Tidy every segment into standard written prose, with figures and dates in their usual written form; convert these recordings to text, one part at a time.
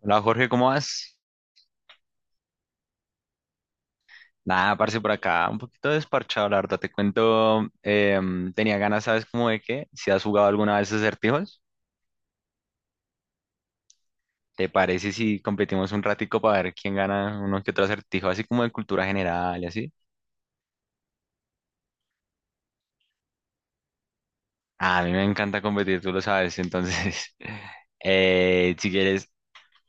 Hola Jorge, ¿cómo vas? Nada, parce, por acá, un poquito desparchado, la verdad, te cuento, tenía ganas, ¿sabes cómo de qué? Si has jugado alguna vez acertijos, ¿te parece si competimos un ratico para ver quién gana uno que otro acertijo, así como de cultura general y así? Ah, a mí me encanta competir, tú lo sabes, entonces, si quieres,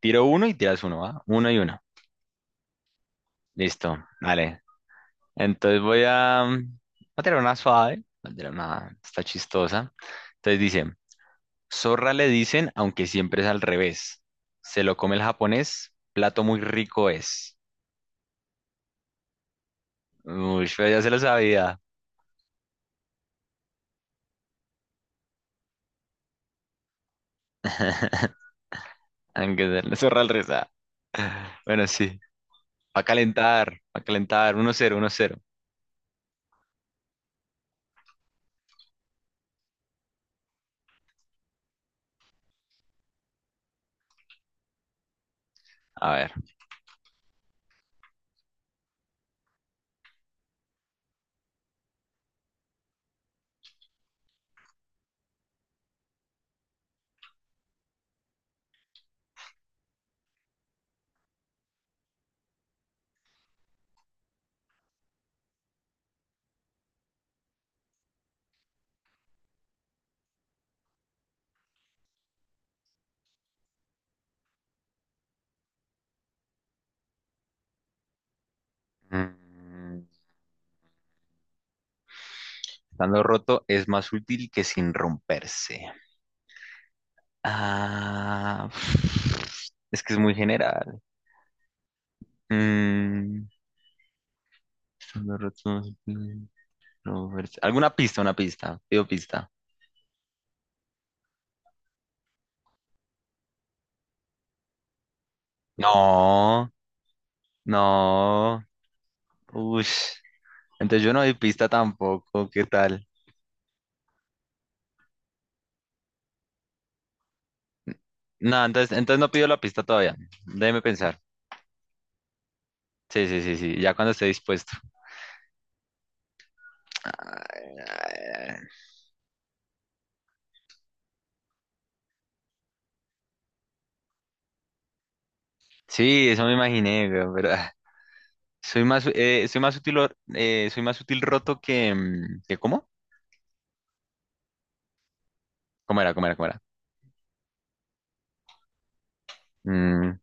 tiro uno y tiras uno, ¿va? Uno y uno, listo, vale. Entonces voy a tirar una suave, voy a tirar una, está chistosa. Entonces dice... Zorra le dicen, aunque siempre es al revés. Se lo come el japonés, plato muy rico es. Uy, pero ya se lo sabía. Aunque sea la zorra al revés. Ah. Bueno, sí. Va a calentar, va a calentar. Uno cero, uno cero. A ver. Mm, Estando roto es más útil que sin romperse. Ah, es que es muy general. Mm, estando roto es más útil que sin romperse. ¿Alguna pista? Una pista. Pido pista. No. No, ush. Entonces yo no doy pista tampoco, ¿qué tal? No, entonces, entonces no pido la pista todavía. Déjeme pensar. Sí, sí, sí, sí, ya cuando esté dispuesto. Ay, ay, ay. Sí, eso me imaginé, güey, pero ah, soy más soy más útil roto que, que ¿cómo? ¿Cómo era? ¿Cómo era? ¿Cómo era? Mm,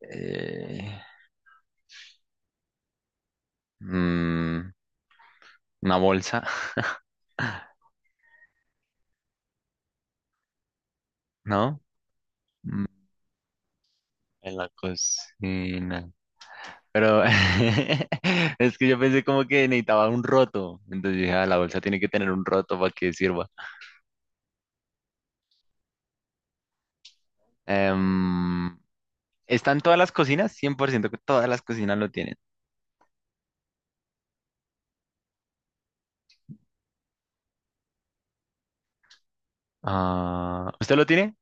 eh, mm, una bolsa, ¿no? Mm. En la cocina. Pero es que yo pensé como que necesitaba un roto. Entonces yo dije, "Ah, la bolsa tiene que tener un roto para que sirva." Em, ¿está en todas las cocinas? Cien por ciento que todas las cocinas lo tienen. Ah, ¿usted lo tiene?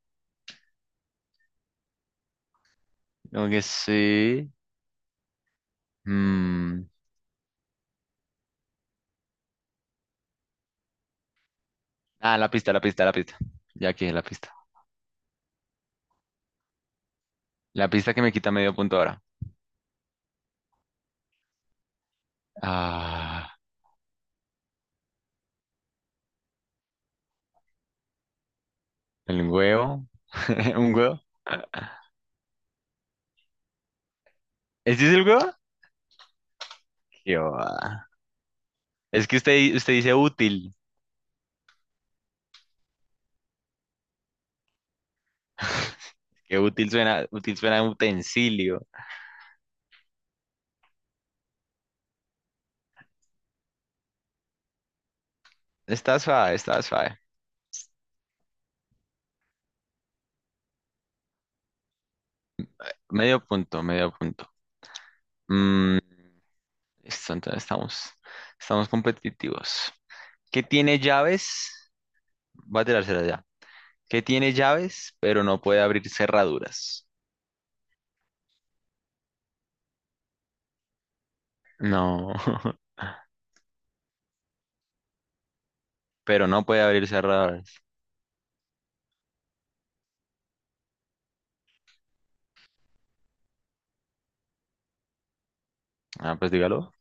Como que sí. Mm. Ah, la pista, la pista, la pista. Ya que la pista. La pista que me quita medio punto ahora. Ah, el huevo. ¿Un huevo? ¿Este es el huevo? Qué va. Es que usted dice útil. Qué útil suena un utensilio. Está suave, está suave. Medio punto, medio punto. Mm, listo, estamos competitivos. ¿Qué tiene llaves? Va a tirársela ya. ¿Qué tiene llaves, pero no puede abrir cerraduras? No, pero no puede abrir cerraduras. Ah, pues dígalo.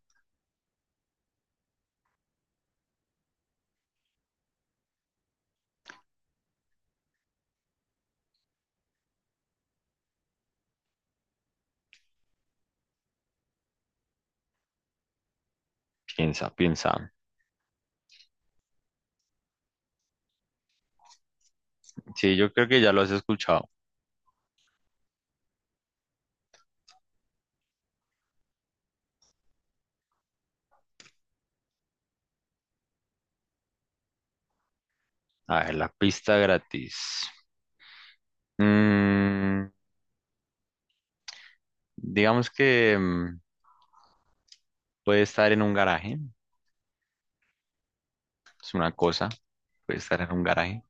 Piensa, piensa. Sí, yo creo que ya lo has escuchado. A ver, la pista gratis. Mm, digamos que... puede estar en un garaje, es una cosa. Puede estar en un garaje.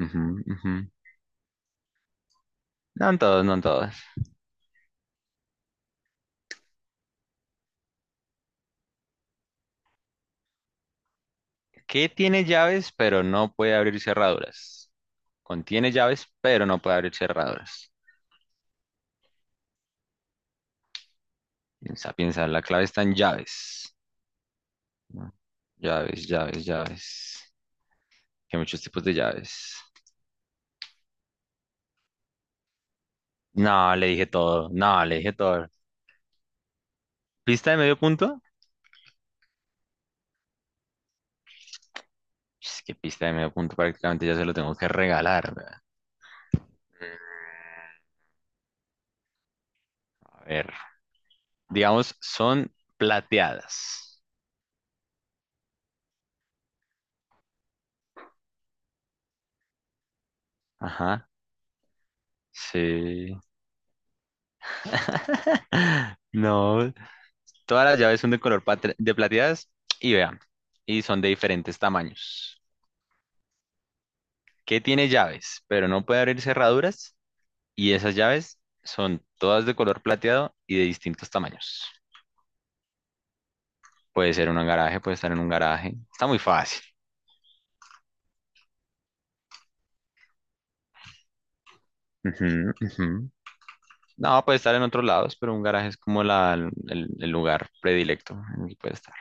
Ujú, ujú. No en todos, no en todos. ¿Qué tiene llaves, pero no puede abrir cerraduras? Contiene llaves, pero no puede abrir cerraduras. Piensa, piensa, la clave está en llaves. ¿No? Llaves, llaves, llaves. Que hay muchos tipos de llaves. No, le dije todo. No, le dije todo. ¿Pista de medio punto? Es que pista de medio punto prácticamente ya se lo tengo que regalar. ¿Verdad? Mm, a ver. Digamos, son plateadas. Ajá, sí. No, todas las llaves son de color de plateadas y vean, y son de diferentes tamaños. ¿Qué tiene llaves? Pero no puede abrir cerraduras, y esas llaves son todas de color plateado y de distintos tamaños. Puede ser en un garaje, puede estar en un garaje. Está muy fácil. Ujú, ujú. No, puede estar en otros lados, pero un garaje es como el lugar predilecto en el que puede estar.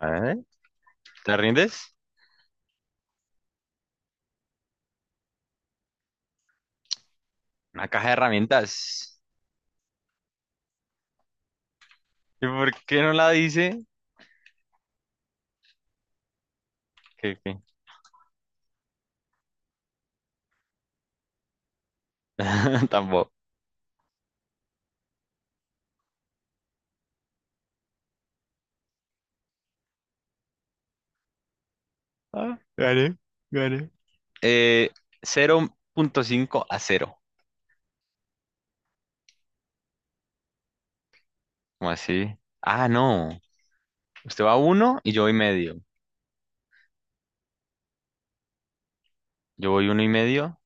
A ver, ¿te rindes? Una caja de herramientas. ¿Y por qué no la dice? Que, que- Tampoco. Ah, gané, gané. Eh, 0.5 a cero. ¿Cómo así? Ah, no. Usted va a 1 y yo voy medio. Yo voy uno y medio.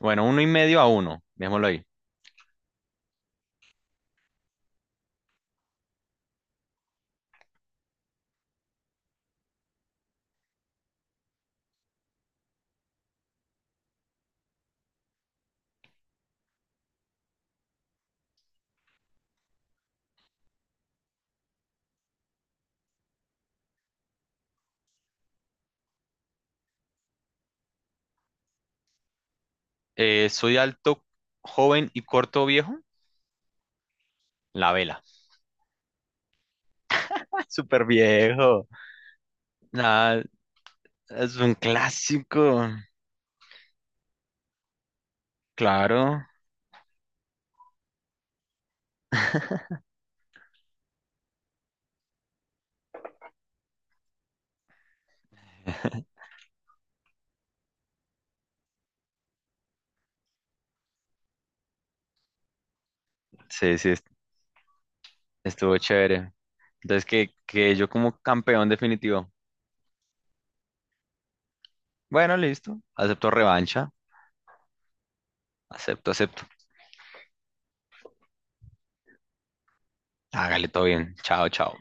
Bueno, uno y medio a uno. Dejémoslo ahí. Soy alto, joven y corto viejo. La vela. Ah, súper viejo. Nada, es un clásico. Claro. Sí, sí, estuvo chévere. Entonces, que yo como campeón definitivo. Bueno, listo. Acepto revancha. Acepto, acepto. Hágale todo bien. Chao, chao.